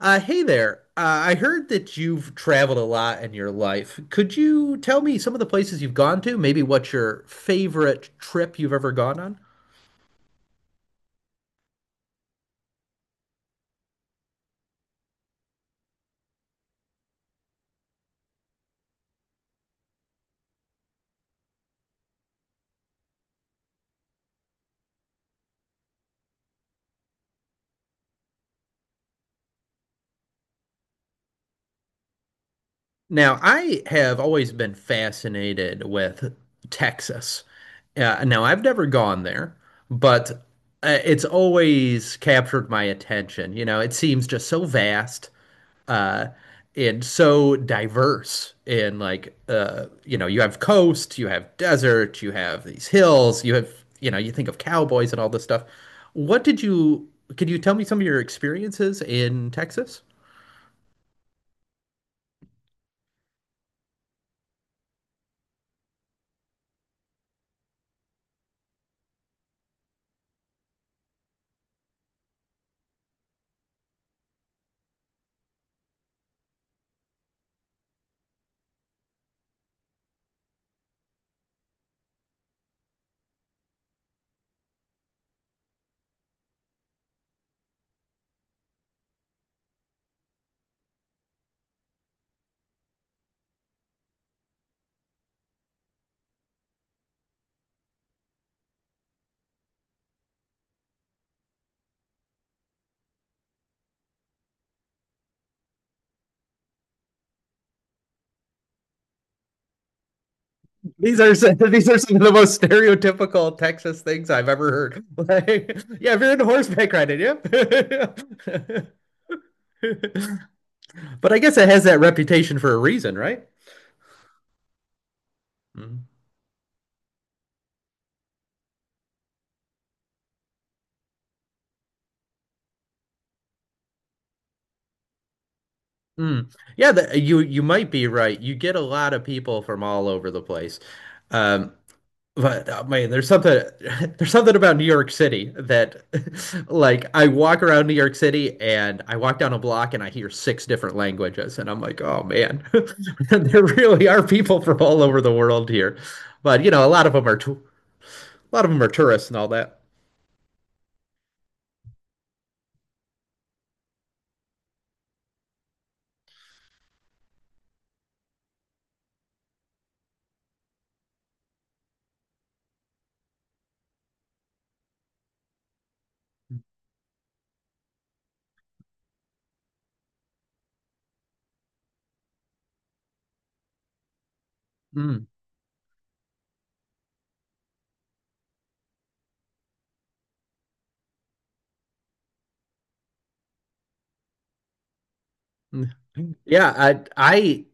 Hey there. I heard that you've traveled a lot in your life. Could you tell me some of the places you've gone to? Maybe what's your favorite trip you've ever gone on? Now, I have always been fascinated with Texas. Now, I've never gone there, but it's always captured my attention. You know, it seems just so vast uh, and so diverse. In like, you know, you have coast, you have desert, you have these hills, you have, you know, you think of cowboys and all this stuff. What did you, could you tell me some of your experiences in Texas? These are these are some of the most stereotypical Texas things I've ever heard. Like, yeah, if you're into horseback riding, yep. But I guess it has that reputation for a reason, right? Mm. Mm. Yeah, you might be right. You get a lot of people from all over the place. Um, But man, there's something there's something about New York City that like I walk around New York City and I walk down a block and I hear six different languages and I'm like, "Oh man, there really are people from all over the world here." But you know, a lot of them are tourists and all that. Mm. Yeah, I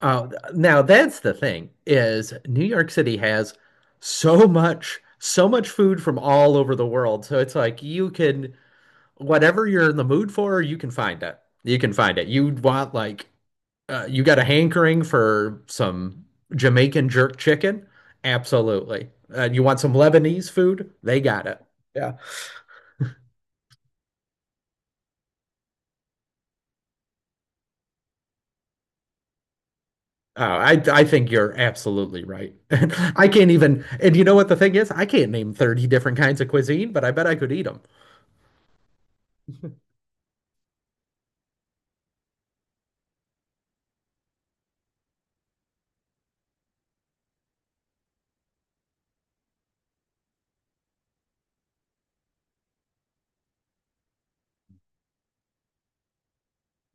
uh, now that's the thing is New York City has so much food from all over the world. So it's like you can whatever you're in the mood for, you can find it. You can find it. You want like you got a hankering for some Jamaican jerk chicken? Absolutely. You want some Lebanese food? They got it. Yeah. Oh, I think you're absolutely right. I can't even, and you know what the thing is? I can't name 30 different kinds of cuisine, but I bet I could eat them.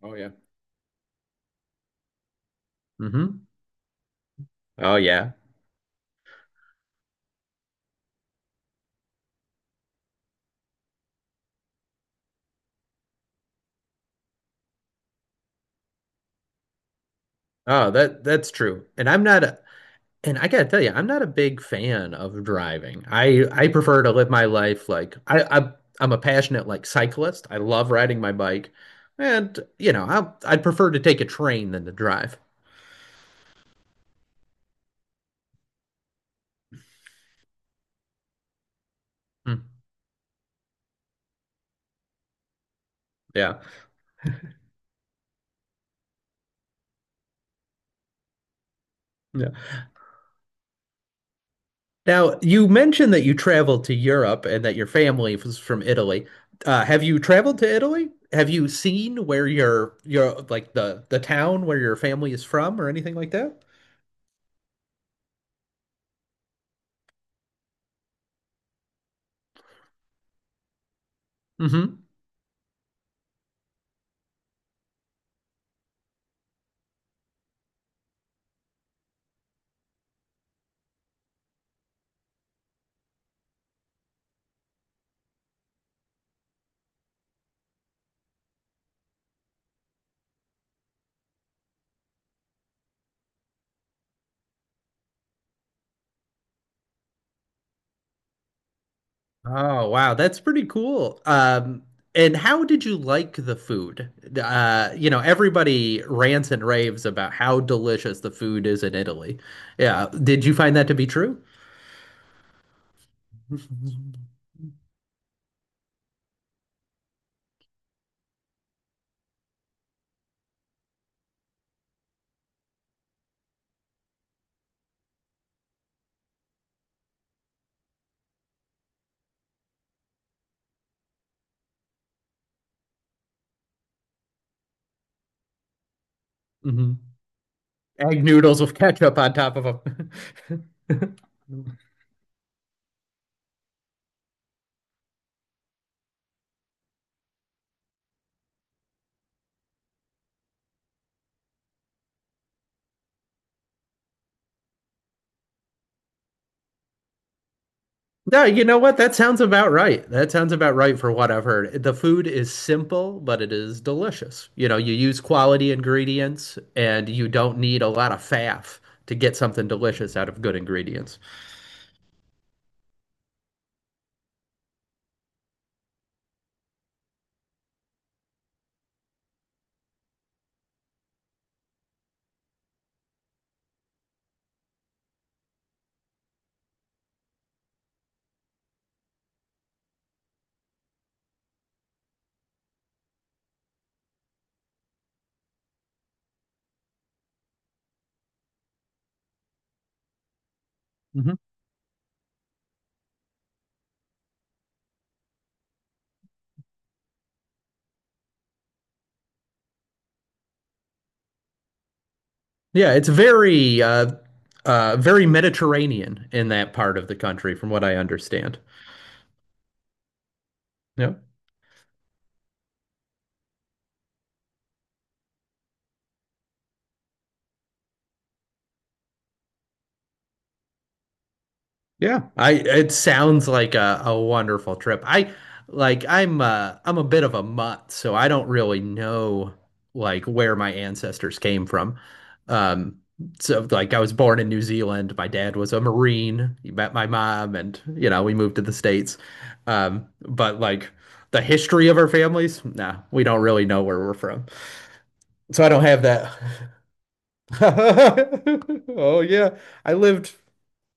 Oh yeah. Hmm. Oh yeah. Oh, that that's true. And I'm not And I gotta tell you, I'm not a big fan of driving. I prefer to live my life like I, I'm a passionate like cyclist. I love riding my bike, and you know I'd prefer to take a train than to drive. Mm, yeah, yeah. Now you mentioned that you traveled to Europe and that your family was from Italy. Have you traveled to Italy? Have you seen where your like the town where your family is from or anything like that? Oh, wow, that's pretty cool. And how did you like the food? You know, everybody rants and raves about how delicious the food is in Italy. Yeah, did you find that to be true? Hmm. Egg noodles with ketchup on top of them. No, you know what? That sounds about right. That sounds about right for what I've heard. The food is simple, but it is delicious. You know, you use quality ingredients and you don't need a lot of faff to get something delicious out of good ingredients. Hmm. Yeah, it's very very Mediterranean in that part of the country, from what I understand. Yeah. Yeah, I it sounds like a wonderful trip. I like I'm a bit of a mutt, so I don't really know like where my ancestors came from. Um so like I was born in New Zealand. My dad was a Marine. He met my mom and you know, we moved to the States. But like the history of our families, nah, we don't really know where we're from. So I don't have that. Oh yeah. I lived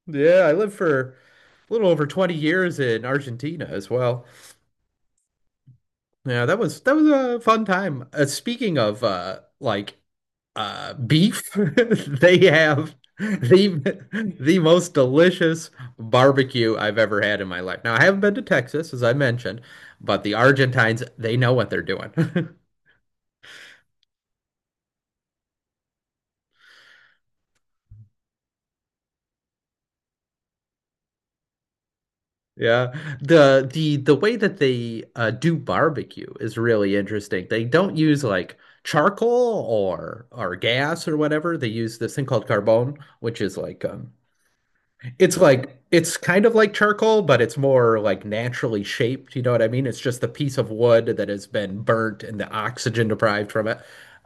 Yeah, I lived for a little over 20 years in Argentina as well. Yeah, that was a fun time. Speaking of like beef, they have the most delicious barbecue I've ever had in my life. Now, I haven't been to Texas, as I mentioned, but the Argentines, they know what they're doing. Yeah. The way that they do barbecue is really interesting. They don't use like charcoal or gas or whatever. They use this thing called carbone, which is like it's like it's kind of like charcoal, but it's more like naturally shaped. You know what I mean? It's just a piece of wood that has been burnt and the oxygen deprived from it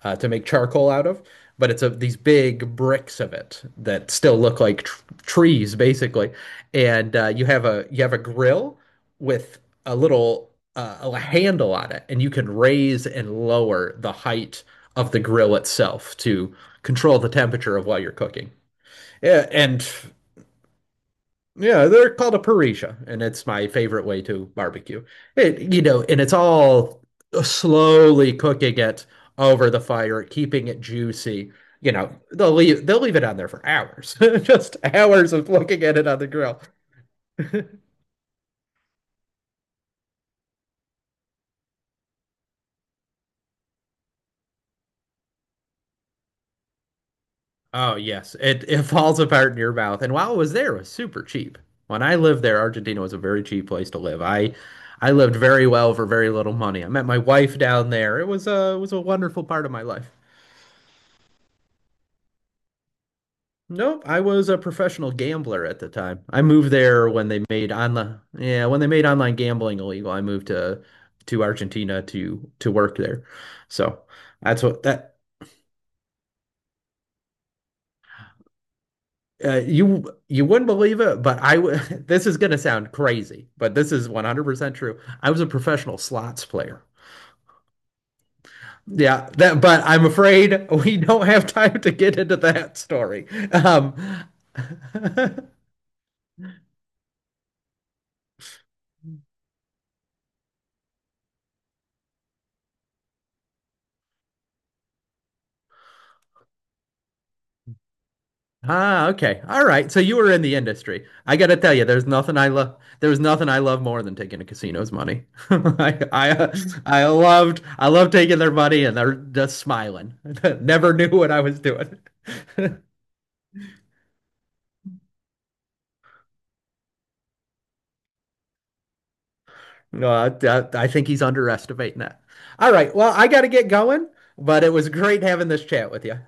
to make charcoal out of. But it's of these big bricks of it that still look like tr trees, basically. And you have a grill with a little a handle on it, and you can raise and lower the height of the grill itself to control the temperature of while you're cooking. Yeah, and yeah, they're called a parrilla, and it's my favorite way to barbecue. It, you know, and it's all slowly cooking it over the fire, keeping it juicy. You know, they'll leave it on there for hours. Just hours of looking at it on the grill. Oh yes, it falls apart in your mouth. And while I was there, it was super cheap. When I lived there, Argentina was a very cheap place to live. I lived very well for very little money. I met my wife down there. It was a wonderful part of my life. Nope, I was a professional gambler at the time. I moved there when they made yeah, when they made online gambling illegal. I moved To Argentina to work there. So that's what that you wouldn't believe it, but I w this is gonna sound crazy, but this is 100% true. I was a professional slots player. Yeah, that, but I'm afraid we don't have time to get into that story. Um, Ah, okay. All right. So you were in the industry. I gotta tell you, there's nothing I love. There was nothing I love more than taking a casino's money. I loved, taking their money and they're just smiling. Never knew what I was doing. No, I think he's underestimating that. All right. Well, I gotta get going, but it was great having this chat with you.